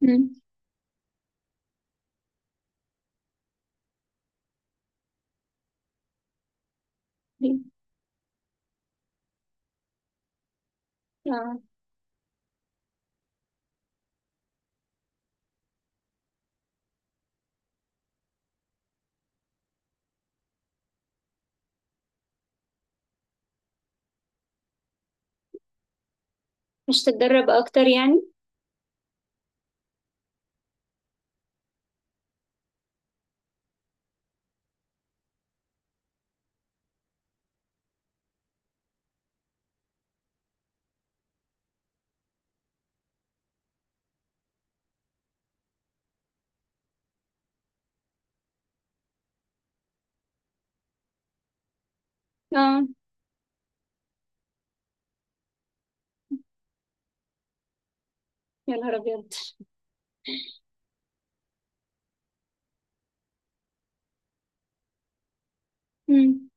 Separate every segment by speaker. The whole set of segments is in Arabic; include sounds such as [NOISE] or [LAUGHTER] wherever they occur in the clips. Speaker 1: مم. اه مش تتدرب اكتر يعني؟ اه، يا نهار ابيض. مم.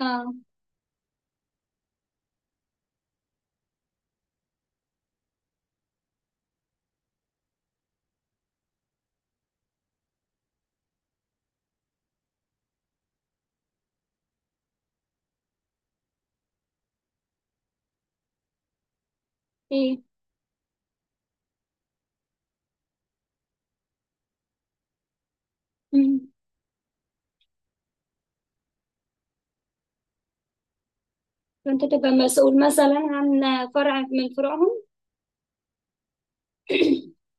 Speaker 1: اه. ايه. مم. فانت تبقى مسؤول مثلا عن فرع من فروعهم؟ [COUGHS] [CLEARS THROAT]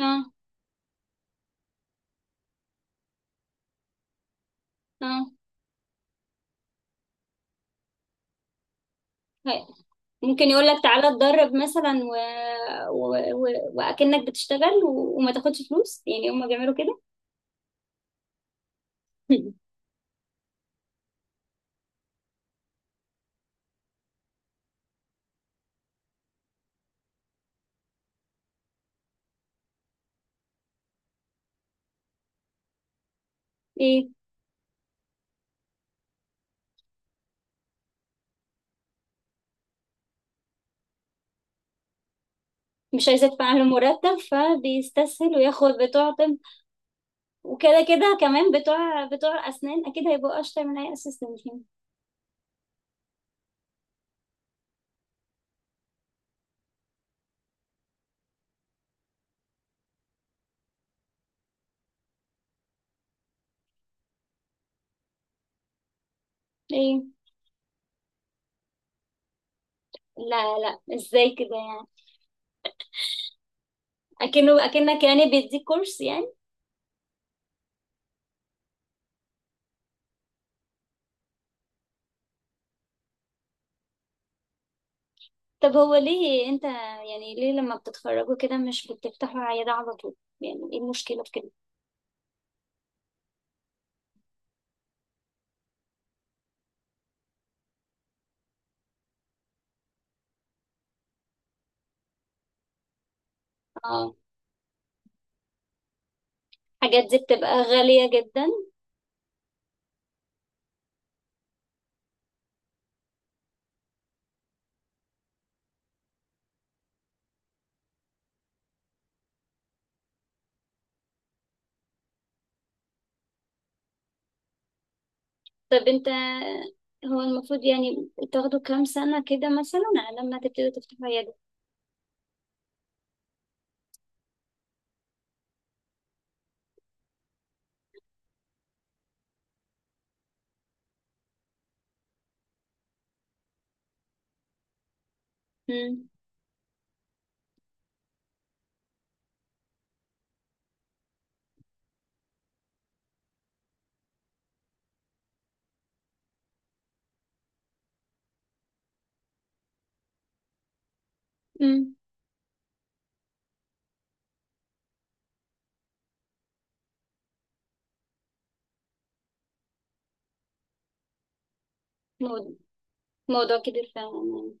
Speaker 1: اه، اه. هاي. ممكن يقول لك تعالى اتدرب مثلا و... و... واكنك بتشتغل وما تاخدش فلوس، يعني هم بيعملوا كده. [LAUGHS] ايه. مش عايزه ادفع له مرتب فبيستسهل وياخد بتوع طب، وكده كده كمان بتوع اسنان اكيد هيبقوا اشطر من اي اسيستنت يعني. ايه. لا، ازاي كده يعني؟ اكنه، اكنك يعني بيديك كورس يعني. طب هو ليه انت، يعني ليه لما بتتخرجوا كده مش بتفتحوا عيادة على طول؟ يعني ايه المشكلة في كده؟ اه، الحاجات دي بتبقى غالية جدا. طب انت، هو المفروض يعني تاخدوا كام سنة كده مثلا على لما تبتدوا تفتحوا عيادة؟ امم. امم. مو- موضوع كبير فعلا يعني.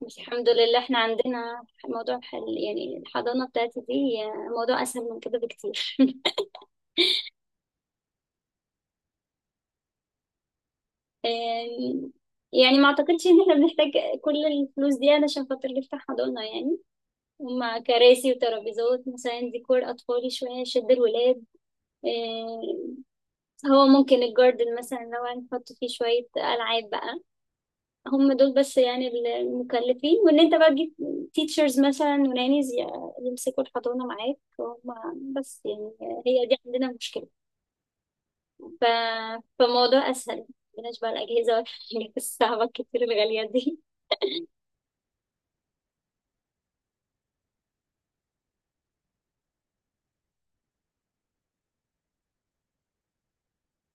Speaker 1: بس الحمد لله احنا عندنا موضوع حل، يعني الحضانة بتاعتي دي موضوع اسهل من كده بكتير. [LAUGHS] آم، يعني ما اعتقدش ان احنا بنحتاج كل الفلوس دي علشان خاطر نفتح حضانة يعني. هما كراسي وترابيزات مثلا، ديكور اطفالي شوية يشد الولاد. آم، هو ممكن الجاردن مثلا لو هنحط فيه شوية ألعاب بقى، هم دول بس يعني المكلفين. وان انت بقى تجيب تيتشرز مثلا ونانيز يمسكوا الحضانة معاك، هم بس يعني هي دي عندنا مشكلة. ف... فموضوع أسهل، مبقناش بقى الأجهزة [LAUGHS] والحاجات الصعبة الكتير الغالية دي.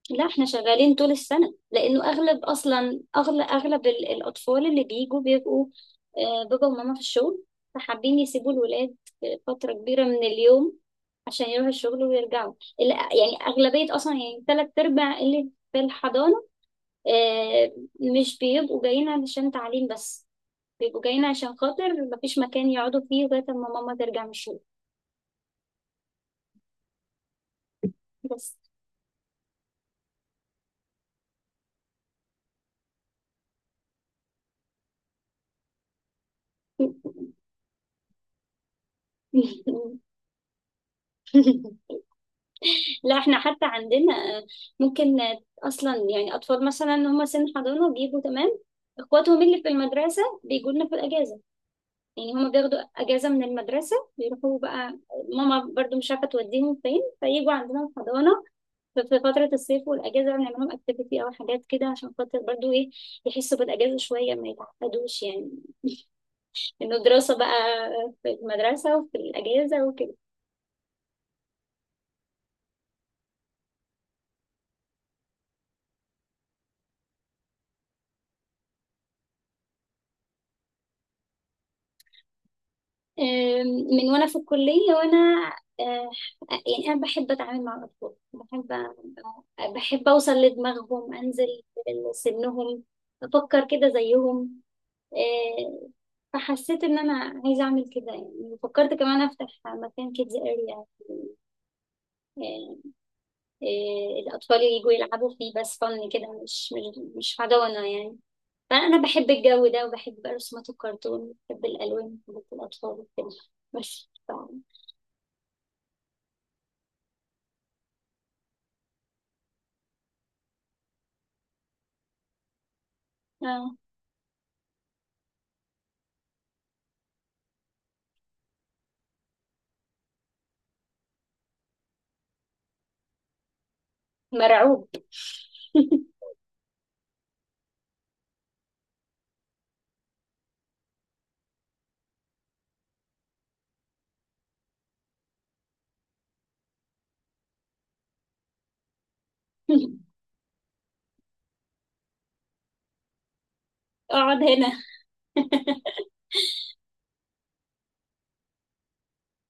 Speaker 1: لا، احنا شغالين طول السنة، لأنه أغلب أصلا، أغلب الأطفال اللي بيجوا بيبقوا بابا وماما في الشغل، فحابين يسيبوا الولاد فترة كبيرة من اليوم عشان يروحوا الشغل ويرجعوا. يعني أغلبية أصلا، يعني تلات أرباع اللي في الحضانة، آه، مش بيبقوا جايين علشان تعليم بس، بيبقوا جايين عشان خاطر مفيش مكان يقعدوا فيه لغاية ما ماما ترجع من الشغل بس. [LAUGHS] لا، احنا حتى عندنا ممكن، اصلا يعني اطفال مثلا هم سن حضانه بيجوا تمام، اخواتهم اللي في المدرسه بيجوا لنا في الاجازه. يعني هم بياخدوا اجازه من المدرسه بيروحوا بقى، ماما برضو مش عارفه توديهم فين فيجوا عندنا في الحضانه. في فتره الصيف والاجازه بنعمل لهم اكتيفيتي او حاجات كده عشان خاطر برضو ايه، يحسوا بالاجازه شويه ما يتعقدوش يعني انه دراسه بقى في المدرسه وفي الاجازه وكده. آم، من وانا في الكلية وانا، آه، يعني انا بحب اتعامل مع الاطفال، بحب بحب اوصل لدماغهم، انزل لسنهم افكر كده زيهم. آه، فحسيت ان انا عايزة اعمل كده، يعني فكرت كمان افتح مكان كيدز اريا الاطفال يجوا يلعبوا فيه بس، فن كده مش حضانة يعني. فانا بحب الجو ده، وبحب رسومات الكرتون، بحب الالوان، بحب الاطفال وكده. بس آه. مرعوب. [LAUGHS] اقعد هنا. [LAUGHS]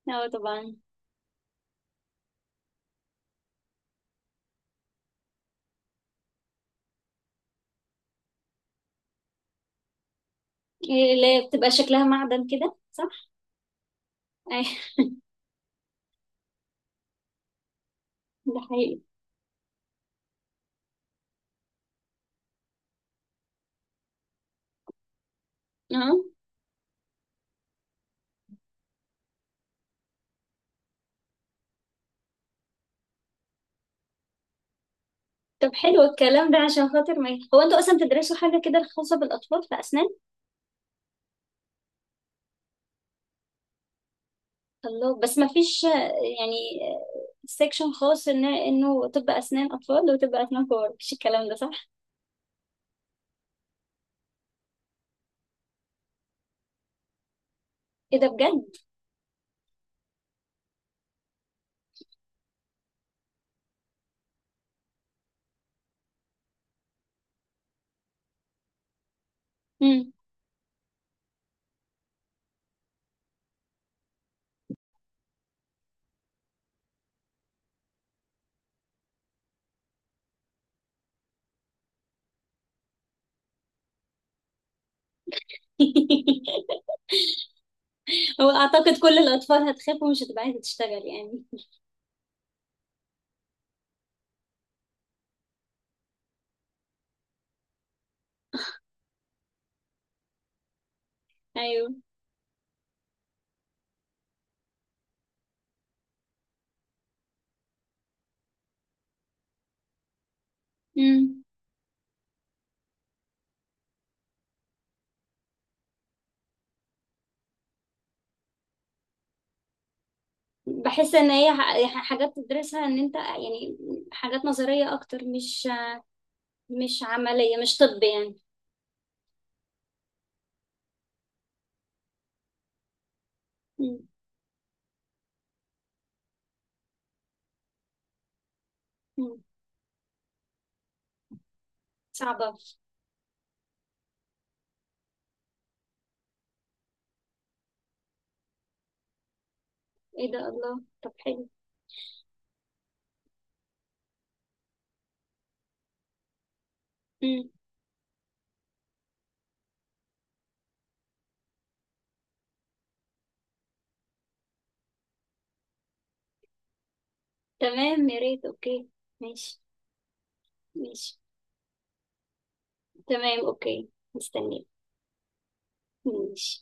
Speaker 1: اه طبعا. إيه، لا بتبقى شكلها معدن كده صح؟ اي. ده حقيقي. اه طب، حلو الكلام ده، عشان خاطر ما هو انتوا اصلا بتدرسوا حاجه كده خاصه بالاطفال في اسنان؟ الله. بس ما فيش يعني سيكشن خاص ان انه طب اسنان اطفال وطب اسنان كبار؟ مفيش الكلام ده صح؟ ايه ده، بجد؟ مم. [LAUGHS] هو اعتقد كل الاطفال هتخاف ومش هتبقى عايزه تشتغل يعني. ايوه. مم. بحس ان هي حاجات تدرسها ان انت يعني حاجات نظرية اكتر، مش مش عملية، مش طب يعني. مم. مم. صعبة. ايه ده الله، طب حلو. مم. تمام، يا ريت، اوكي. ماشي. ماشي. تمام اوكي. مستنيه. ماشي.